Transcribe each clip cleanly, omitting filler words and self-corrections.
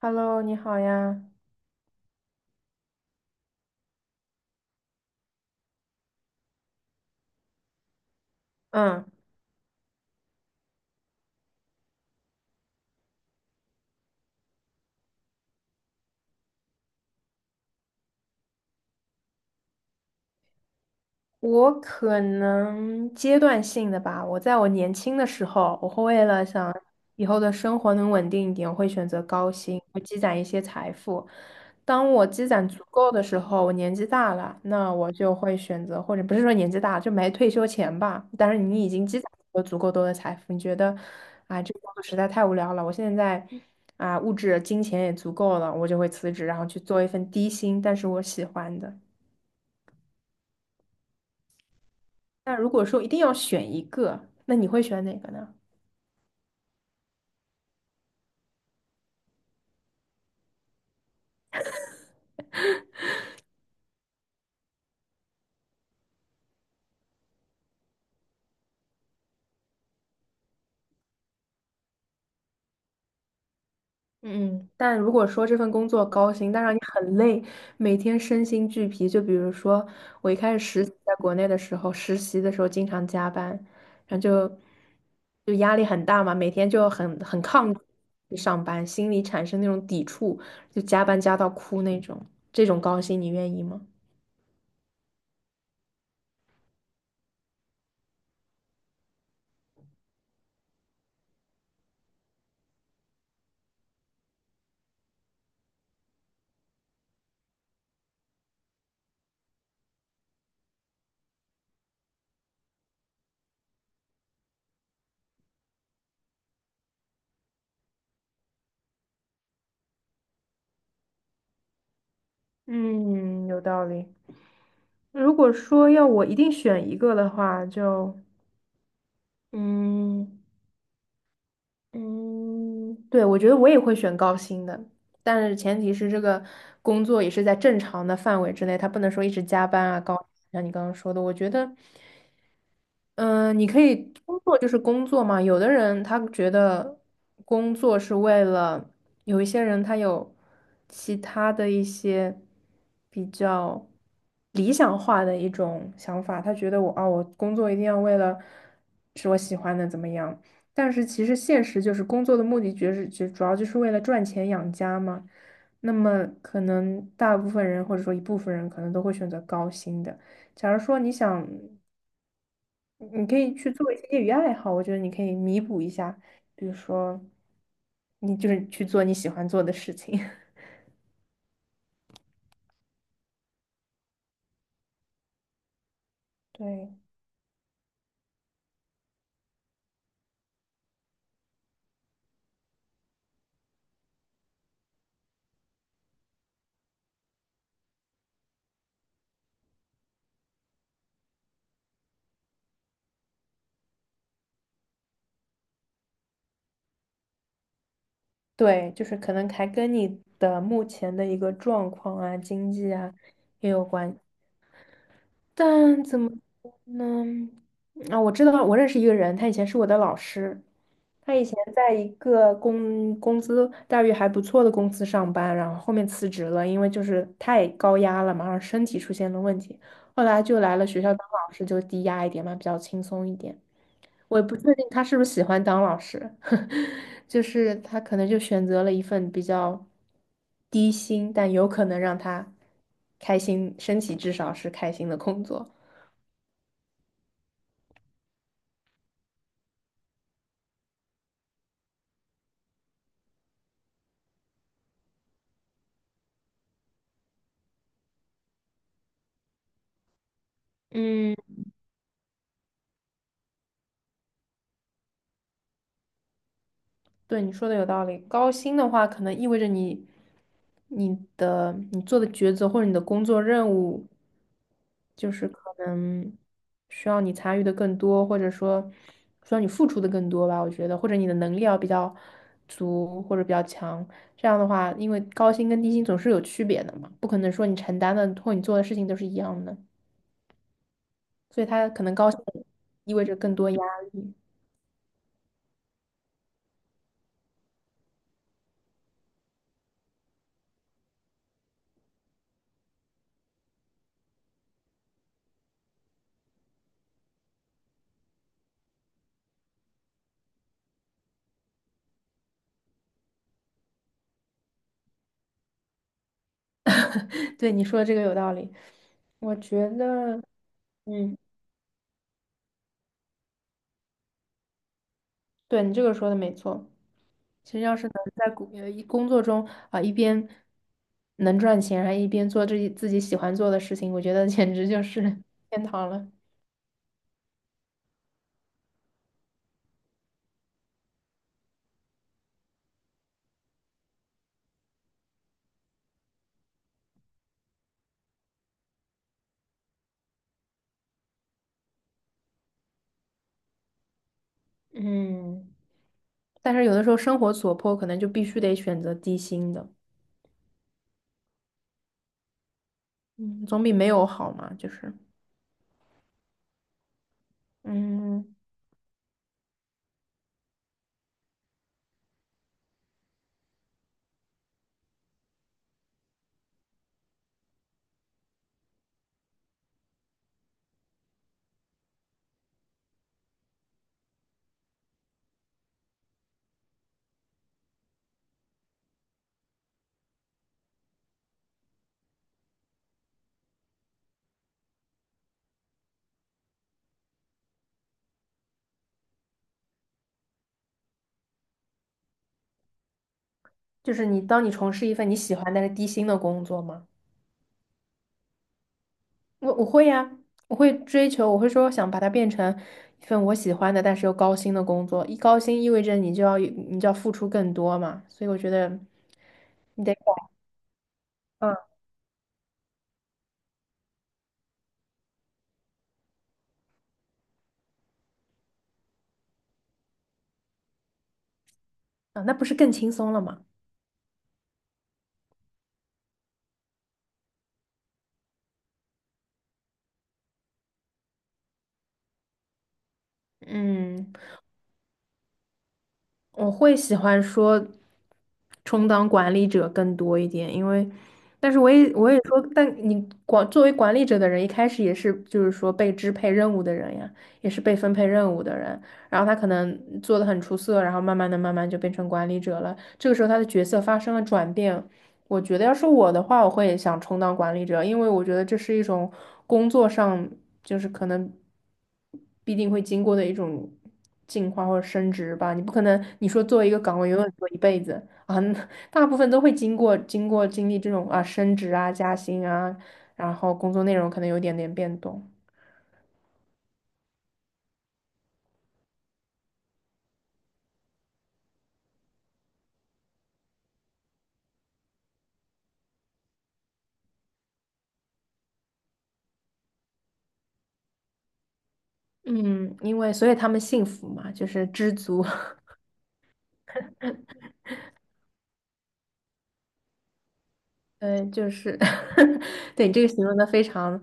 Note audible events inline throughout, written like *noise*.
Hello，你好呀。嗯，我可能阶段性的吧。我在我年轻的时候，我会为了想以后的生活能稳定一点，我会选择高薪，会积攒一些财富。当我积攒足够的时候，我年纪大了，那我就会选择，或者不是说年纪大就没退休前吧。但是你已经积攒了足够多的财富，你觉得啊，这个工作实在太无聊了，我现在啊物质金钱也足够了，我就会辞职，然后去做一份低薪，但是我喜欢的。但如果说一定要选一个，那你会选哪个呢？嗯，但如果说这份工作高薪，但让你很累，每天身心俱疲，就比如说我一开始实习在国内的时候，实习的时候经常加班，然后就压力很大嘛，每天就很抗拒上班，心里产生那种抵触，就加班加到哭那种。这种高薪你愿意吗？嗯，有道理。如果说要我一定选一个的话，就嗯。嗯，对，我觉得我也会选高薪的，但是前提是这个工作也是在正常的范围之内，他不能说一直加班啊，高，像你刚刚说的，我觉得。嗯，你可以工作就是工作嘛。有的人他觉得工作是为了，有一些人他有其他的一些比较理想化的一种想法，他觉得我啊，我工作一定要为了是我喜欢的怎么样。但是其实现实就是工作的目的，就是就主要就是为了赚钱养家嘛。那么可能大部分人或者说一部分人可能都会选择高薪的。假如说你想你可以去做一些业余爱好，我觉得你可以弥补一下，比如说，你就是去做你喜欢做的事情。*laughs* 对对，就是可能还跟你的目前的一个状况啊、经济啊也有关。但怎么说呢？啊，我知道，我认识一个人，他以前是我的老师，他以前在一个工资待遇还不错的公司上班，然后后面辞职了，因为就是太高压了嘛，然后身体出现了问题，后来就来了学校当老师，就低压一点嘛，比较轻松一点。我也不确定他是不是喜欢当老师，*laughs* 就是他可能就选择了一份比较低薪，但有可能让他开心，身体至少是开心的工作。嗯，对，你说的有道理。高薪的话，可能意味着你、你的、你做的抉择或者你的工作任务，就是可能需要你参与的更多，或者说需要你付出的更多吧。我觉得，或者你的能力要比较足或者比较强。这样的话，因为高薪跟低薪总是有区别的嘛，不可能说你承担的或你做的事情都是一样的，所以它可能高薪意味着更多压力。*laughs* 对，你说的这个有道理。我觉得，嗯，对你这个说的没错。其实要是能在工作中啊、一边能赚钱，还一边做自己喜欢做的事情，我觉得简直就是 *laughs* 天堂了。嗯，但是有的时候生活所迫，可能就必须得选择低薪的，嗯，总比没有好嘛。就是，嗯，就是你当你从事一份你喜欢但是低薪的工作嘛。我会呀，我会追求，我会说想把它变成一份我喜欢的，但是又高薪的工作。一高薪意味着你就要付出更多嘛，所以我觉得你得改，嗯，啊，那不是更轻松了吗？嗯，我会喜欢说充当管理者更多一点，因为，但是我也说，但你管作为管理者的人，一开始也是就是说被支配任务的人呀，也是被分配任务的人，然后他可能做的很出色，然后慢慢就变成管理者了，这个时候他的角色发生了转变，我觉得要是我的话，我会想充当管理者，因为我觉得这是一种工作上就是可能必定会经过的一种进化或者升职吧。你不可能你说做一个岗位永远做一辈子啊，*laughs* 那大部分都会经过经历这种啊升职啊加薪啊，然后工作内容可能有点点变动。嗯，因为所以他们幸福嘛，就是知足。嗯，就是，*laughs* 对，你这个形容的非常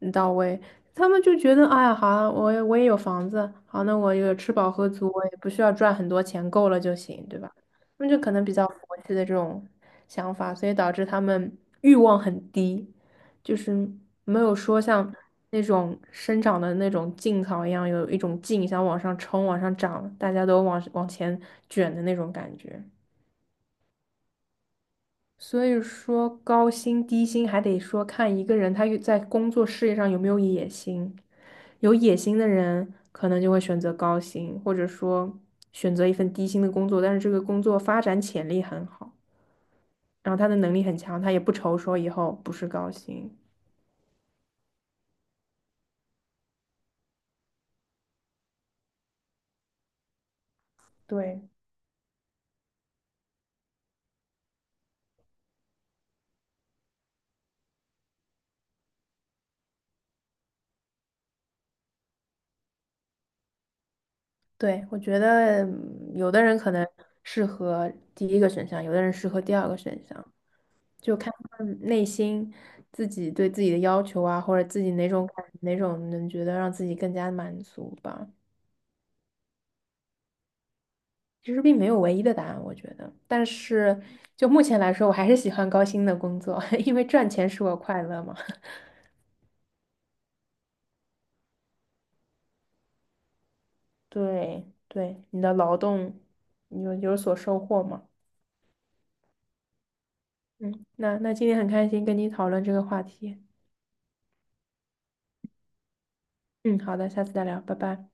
嗯到位。他们就觉得，哎呀，好啊，我也有房子，好，那我有吃饱喝足，我也不需要赚很多钱，够了就行，对吧？他们就可能比较佛系的这种想法，所以导致他们欲望很低，就是没有说像那种生长的那种劲草一样，有一种劲想往上冲、往上涨，大家都往前卷的那种感觉。所以说高薪低薪还得说看一个人他有在工作事业上有没有野心。有野心的人可能就会选择高薪，或者说选择一份低薪的工作，但是这个工作发展潜力很好，然后他的能力很强，他也不愁说以后不是高薪。对对，我觉得嗯有的人可能适合第一个选项，有的人适合第二个选项。就看他们内心自己对自己的要求啊，或者自己哪种能觉得让自己更加满足吧。其实并没有唯一的答案，我觉得。但是就目前来说，我还是喜欢高薪的工作，*laughs* 因为赚钱使我快乐嘛。*laughs* 对，你的劳动你有所收获嘛？嗯，那今天很开心跟你讨论这个话题。嗯，好的，下次再聊，拜拜。